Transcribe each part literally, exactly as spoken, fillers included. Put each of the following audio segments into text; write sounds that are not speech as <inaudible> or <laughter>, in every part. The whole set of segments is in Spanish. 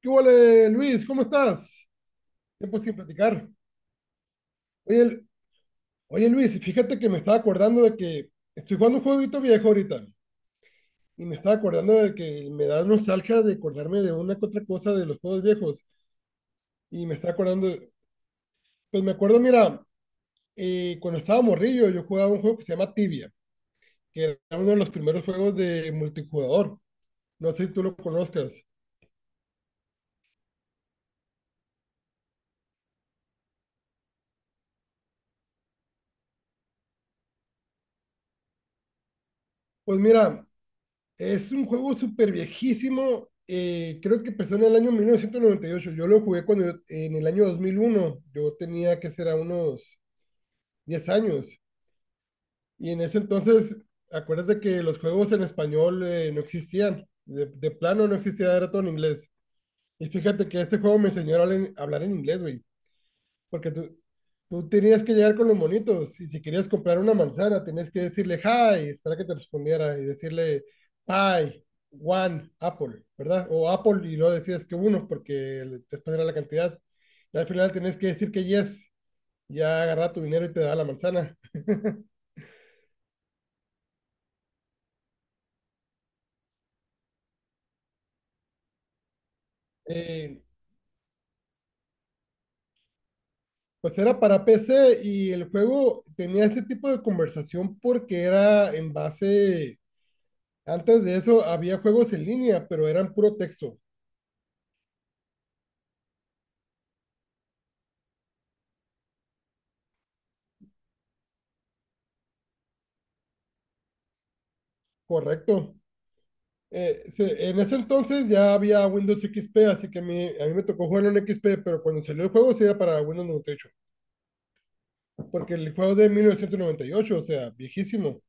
¿Qué huele, Luis? ¿Cómo estás? Tiempo sin platicar. Oye, el- oye, Luis, fíjate que me estaba acordando de que estoy jugando un jueguito viejo ahorita, y me estaba acordando de que me da nostalgia de acordarme de una que otra cosa de los juegos viejos y me estaba acordando, de- Pues me acuerdo, mira, eh, cuando estaba morrillo yo jugaba un juego que se llama Tibia, que era uno de los primeros juegos de multijugador. No sé si tú lo conozcas. Pues mira, es un juego súper viejísimo. Eh, creo que empezó en el año mil novecientos noventa y ocho. Yo lo jugué cuando yo- en el año dos mil uno. Yo tenía que ser a unos diez años. Y en ese entonces, acuérdate que los juegos en español eh, no existían. De, de plano no existía, era todo en inglés. Y fíjate que este juego me enseñó a hablar en, a hablar en inglés, güey. Porque tú, tú tenías que llegar con los monitos, y si querías comprar una manzana tenías que decirle hi, esperar que te respondiera y decirle pie, one, apple, ¿verdad? O apple, y luego decías que uno porque el- después era la cantidad. Y al final tenías que decir que yes, ya agarra tu dinero y te da la manzana. <laughs> Eh, pues era para P C, y el juego tenía ese tipo de conversación porque era en base, antes de eso había juegos en línea, pero eran puro texto, correcto. Eh, se- en ese entonces ya había Windows equis pe, así que a mí, a mí me tocó jugarlo en equis pe, pero cuando salió el juego sí era para Windows noventa y ocho, porque el juego es de mil novecientos noventa y ocho, o sea, viejísimo.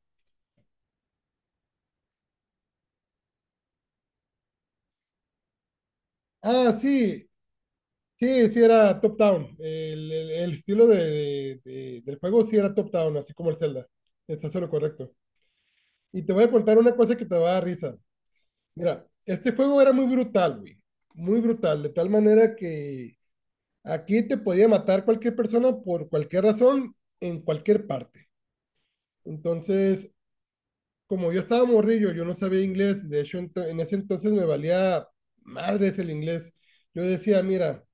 Ah, sí, sí, sí era top-down. El, el- el estilo de, de- del juego sí era top-down, así como el Zelda. Estás en lo correcto. Y te voy a contar una cosa que te va a dar risa. Mira, este juego era muy brutal, güey. Muy brutal, de tal manera que aquí te podía matar cualquier persona por cualquier razón, en cualquier parte. Entonces, como yo estaba morrillo, yo no sabía inglés, de hecho ento- en ese entonces me valía madres el inglés. Yo decía, mira,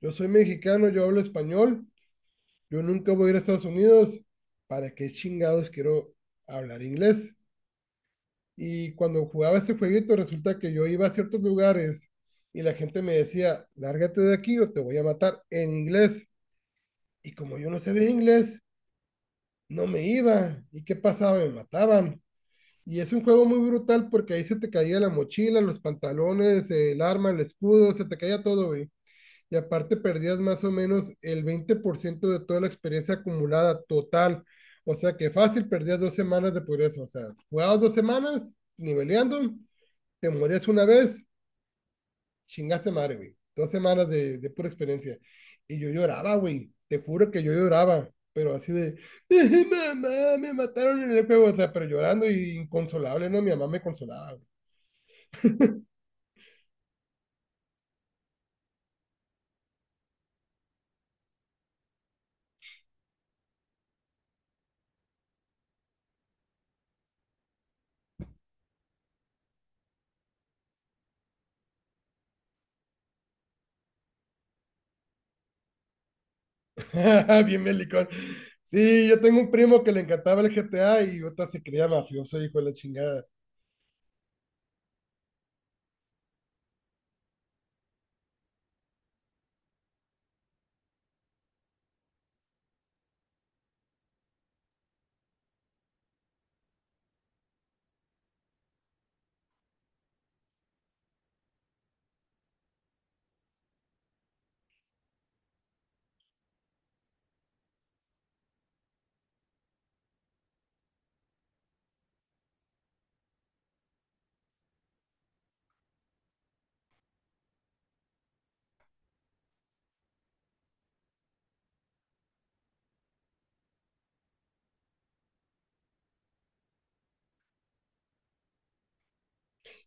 yo soy mexicano, yo hablo español, yo nunca voy a ir a Estados Unidos, ¿para qué chingados quiero hablar inglés? Y cuando jugaba este jueguito, resulta que yo iba a ciertos lugares y la gente me decía, lárgate de aquí o te voy a matar, en inglés. Y como yo no sabía inglés, no me iba. ¿Y qué pasaba? Me mataban. Y es un juego muy brutal porque ahí se te caía la mochila, los pantalones, el arma, el escudo, se te caía todo, güey. Y aparte perdías más o menos el veinte por ciento de toda la experiencia acumulada total. O sea que fácil, perdías dos semanas de progreso. O sea, jugabas dos semanas niveleando, te morías una vez, chingaste madre, güey. Dos semanas de, de pura experiencia. Y yo lloraba, güey. Te juro que yo lloraba. Pero así de, "Eh, mamá, me mataron en el juego". O sea, pero llorando y inconsolable, ¿no? Mi mamá me consolaba, güey. <laughs> Bien melicón. Sí, yo tengo un primo que le encantaba el G T A y otra se creía mafioso, hijo de la chingada.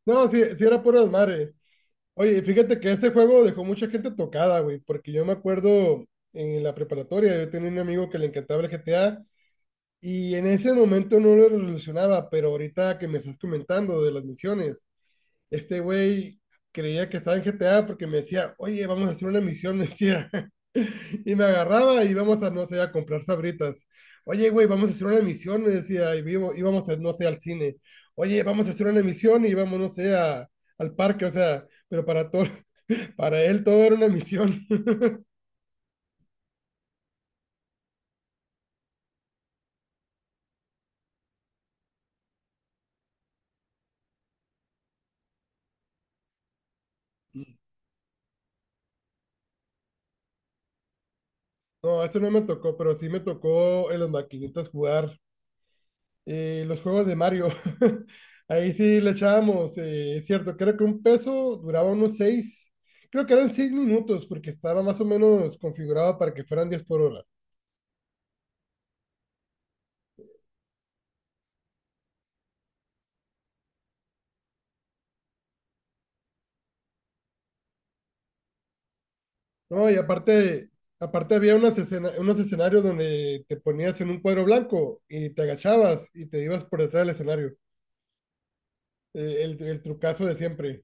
No, sí, sí era pura desmadre. Oye, fíjate que este juego dejó mucha gente tocada, güey, porque yo me acuerdo en la preparatoria, yo tenía un amigo que le encantaba el G T A. Y en ese momento no lo relacionaba, pero ahorita que me estás comentando de las misiones, este güey creía que estaba en G T A, porque me decía, oye, vamos a hacer una misión, me decía, <laughs> y me agarraba y íbamos a, no sé, a comprar sabritas. Oye, güey, vamos a hacer una misión, me decía, y vivo- íbamos a, no sé, al cine. Oye, vamos a hacer una misión, y íbamos, no sé, a- al parque, o sea, pero para todo, <laughs> para él todo era una misión. <laughs> No, eso no me tocó, pero sí me tocó en las maquinitas jugar Eh, los juegos de Mario. <laughs> Ahí sí le echábamos, eh, es cierto, creo que un peso duraba unos seis, creo que eran seis minutos, porque estaba más o menos configurado para que fueran diez por hora. No, y aparte, aparte había unas escena- unos escenarios donde te ponías en un cuadro blanco y te agachabas y te ibas por detrás del escenario. Eh, el, el trucazo de siempre.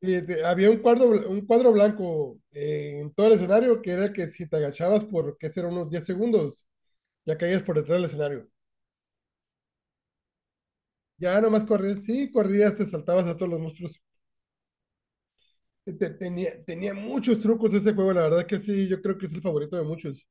Y te- había un cuadro, bl- un cuadro blanco eh, en todo el escenario, que era que si te agachabas por, qué será, unos diez segundos, ya caías por detrás del escenario. Ya nomás corrías, sí, corrías, te saltabas a todos los monstruos. Te- te- tenía, tenía muchos trucos ese juego, la verdad que sí, yo creo que es el favorito de muchos.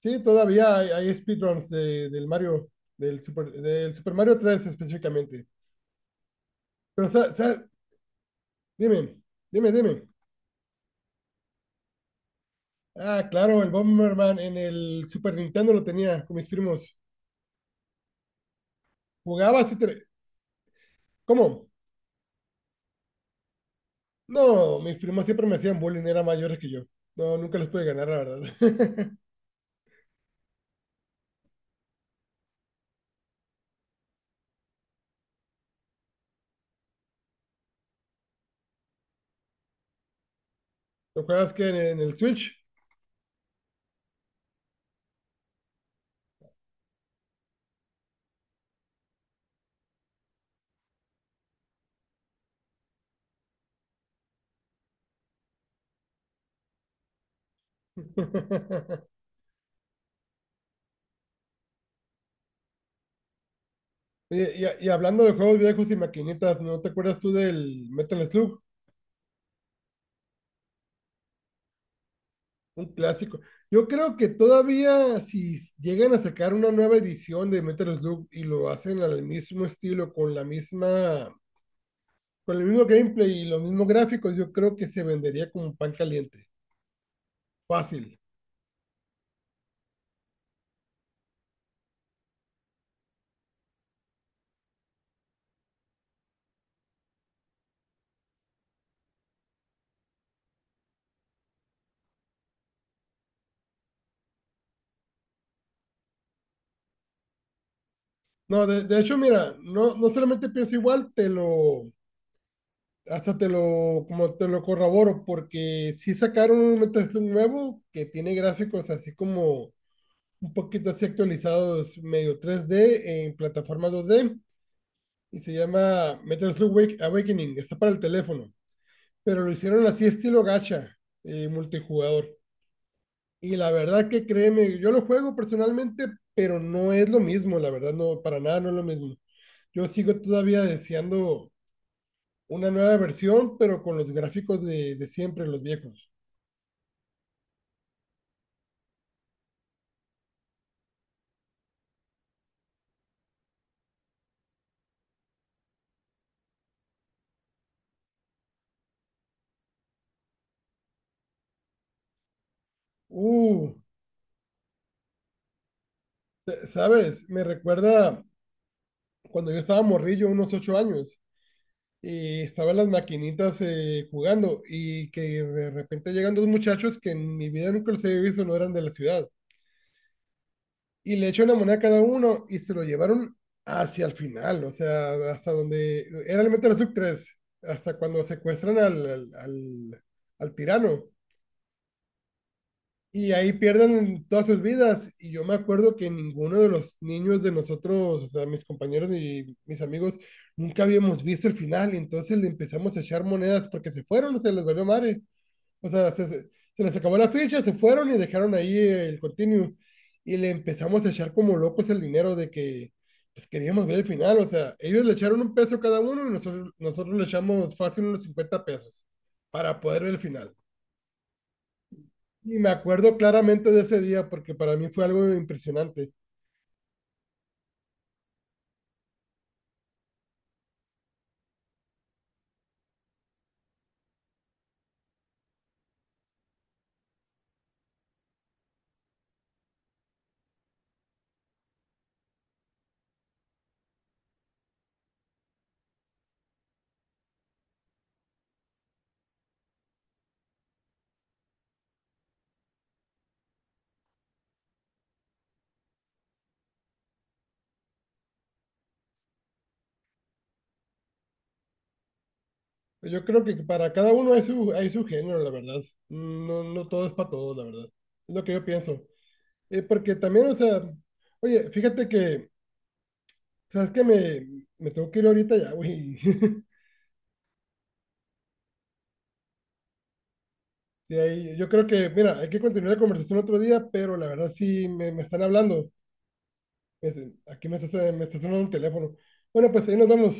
Sí, todavía hay, hay speedruns de- del Mario, del Super, del Super Mario tres específicamente. Pero, sa- sa- Dime, dime, dime. Ah, claro, el Bomberman en el Super Nintendo lo tenía con mis primos. Jugabas así. tre- ¿Cómo? No, mis primos siempre me hacían bullying, eran mayores que yo. No, nunca les pude ganar, la verdad. <laughs> ¿Lo juegas que en en el Switch? <laughs> Oye, Y, y hablando de juegos viejos y maquinitas, ¿no te acuerdas tú del Metal Slug? Un clásico. Yo creo que todavía si llegan a sacar una nueva edición de Metal Slug y lo hacen al mismo estilo, con la misma, con el mismo gameplay y los mismos gráficos, yo creo que se vendería como un pan caliente. Fácil. No, de, de hecho, mira, no, no solamente pienso igual, te lo, hasta te lo, como te lo corroboro, porque si sacaron un Metal Slug nuevo que tiene gráficos así como un poquito así actualizados, medio tres D en plataforma dos D, y se llama Metal Slug Awakening. Está para el teléfono, pero lo hicieron así estilo gacha, eh, multijugador. Y la verdad que créeme, yo lo juego personalmente, pero no es lo mismo, la verdad, no, para nada no es lo mismo. Yo sigo todavía deseando una nueva versión, pero con los gráficos de, de siempre, los viejos. Uh, te- ¿Sabes? Me recuerda cuando yo estaba morrillo, unos ocho años, y estaban las maquinitas eh, jugando, y que de repente llegan dos muchachos que en mi vida nunca los había visto, no eran de la ciudad, y le echan una moneda a cada uno y se lo llevaron hacia el final, o sea, hasta donde era el Metal Slug tres, hasta cuando secuestran al, al, al, al tirano. Y ahí pierden todas sus vidas. Y yo me acuerdo que ninguno de los niños de nosotros, o sea, mis compañeros y mis amigos, nunca habíamos visto el final. Y entonces le empezamos a echar monedas porque se fueron, o sea les valió madre. O sea, se, se- se les acabó la ficha, se fueron y dejaron ahí el continuo. Y le empezamos a echar como locos el dinero, de que pues queríamos ver el final. O sea, ellos le echaron un peso cada uno, y nosotros, nosotros le echamos fácil unos cincuenta pesos para poder ver el final. Y me acuerdo claramente de ese día porque para mí fue algo impresionante. Yo creo que para cada uno hay su, hay su género, la verdad. No, no todo es para todos, la verdad. Es lo que yo pienso. Eh, porque también, o sea, oye, fíjate que, ¿sabes que Me, me tengo que ir ahorita ya, güey. <laughs> De ahí, yo creo que, mira, hay que continuar la conversación otro día, pero la verdad sí me, me están hablando. Este, aquí me está, me está sonando un teléfono. Bueno, pues ahí nos vemos.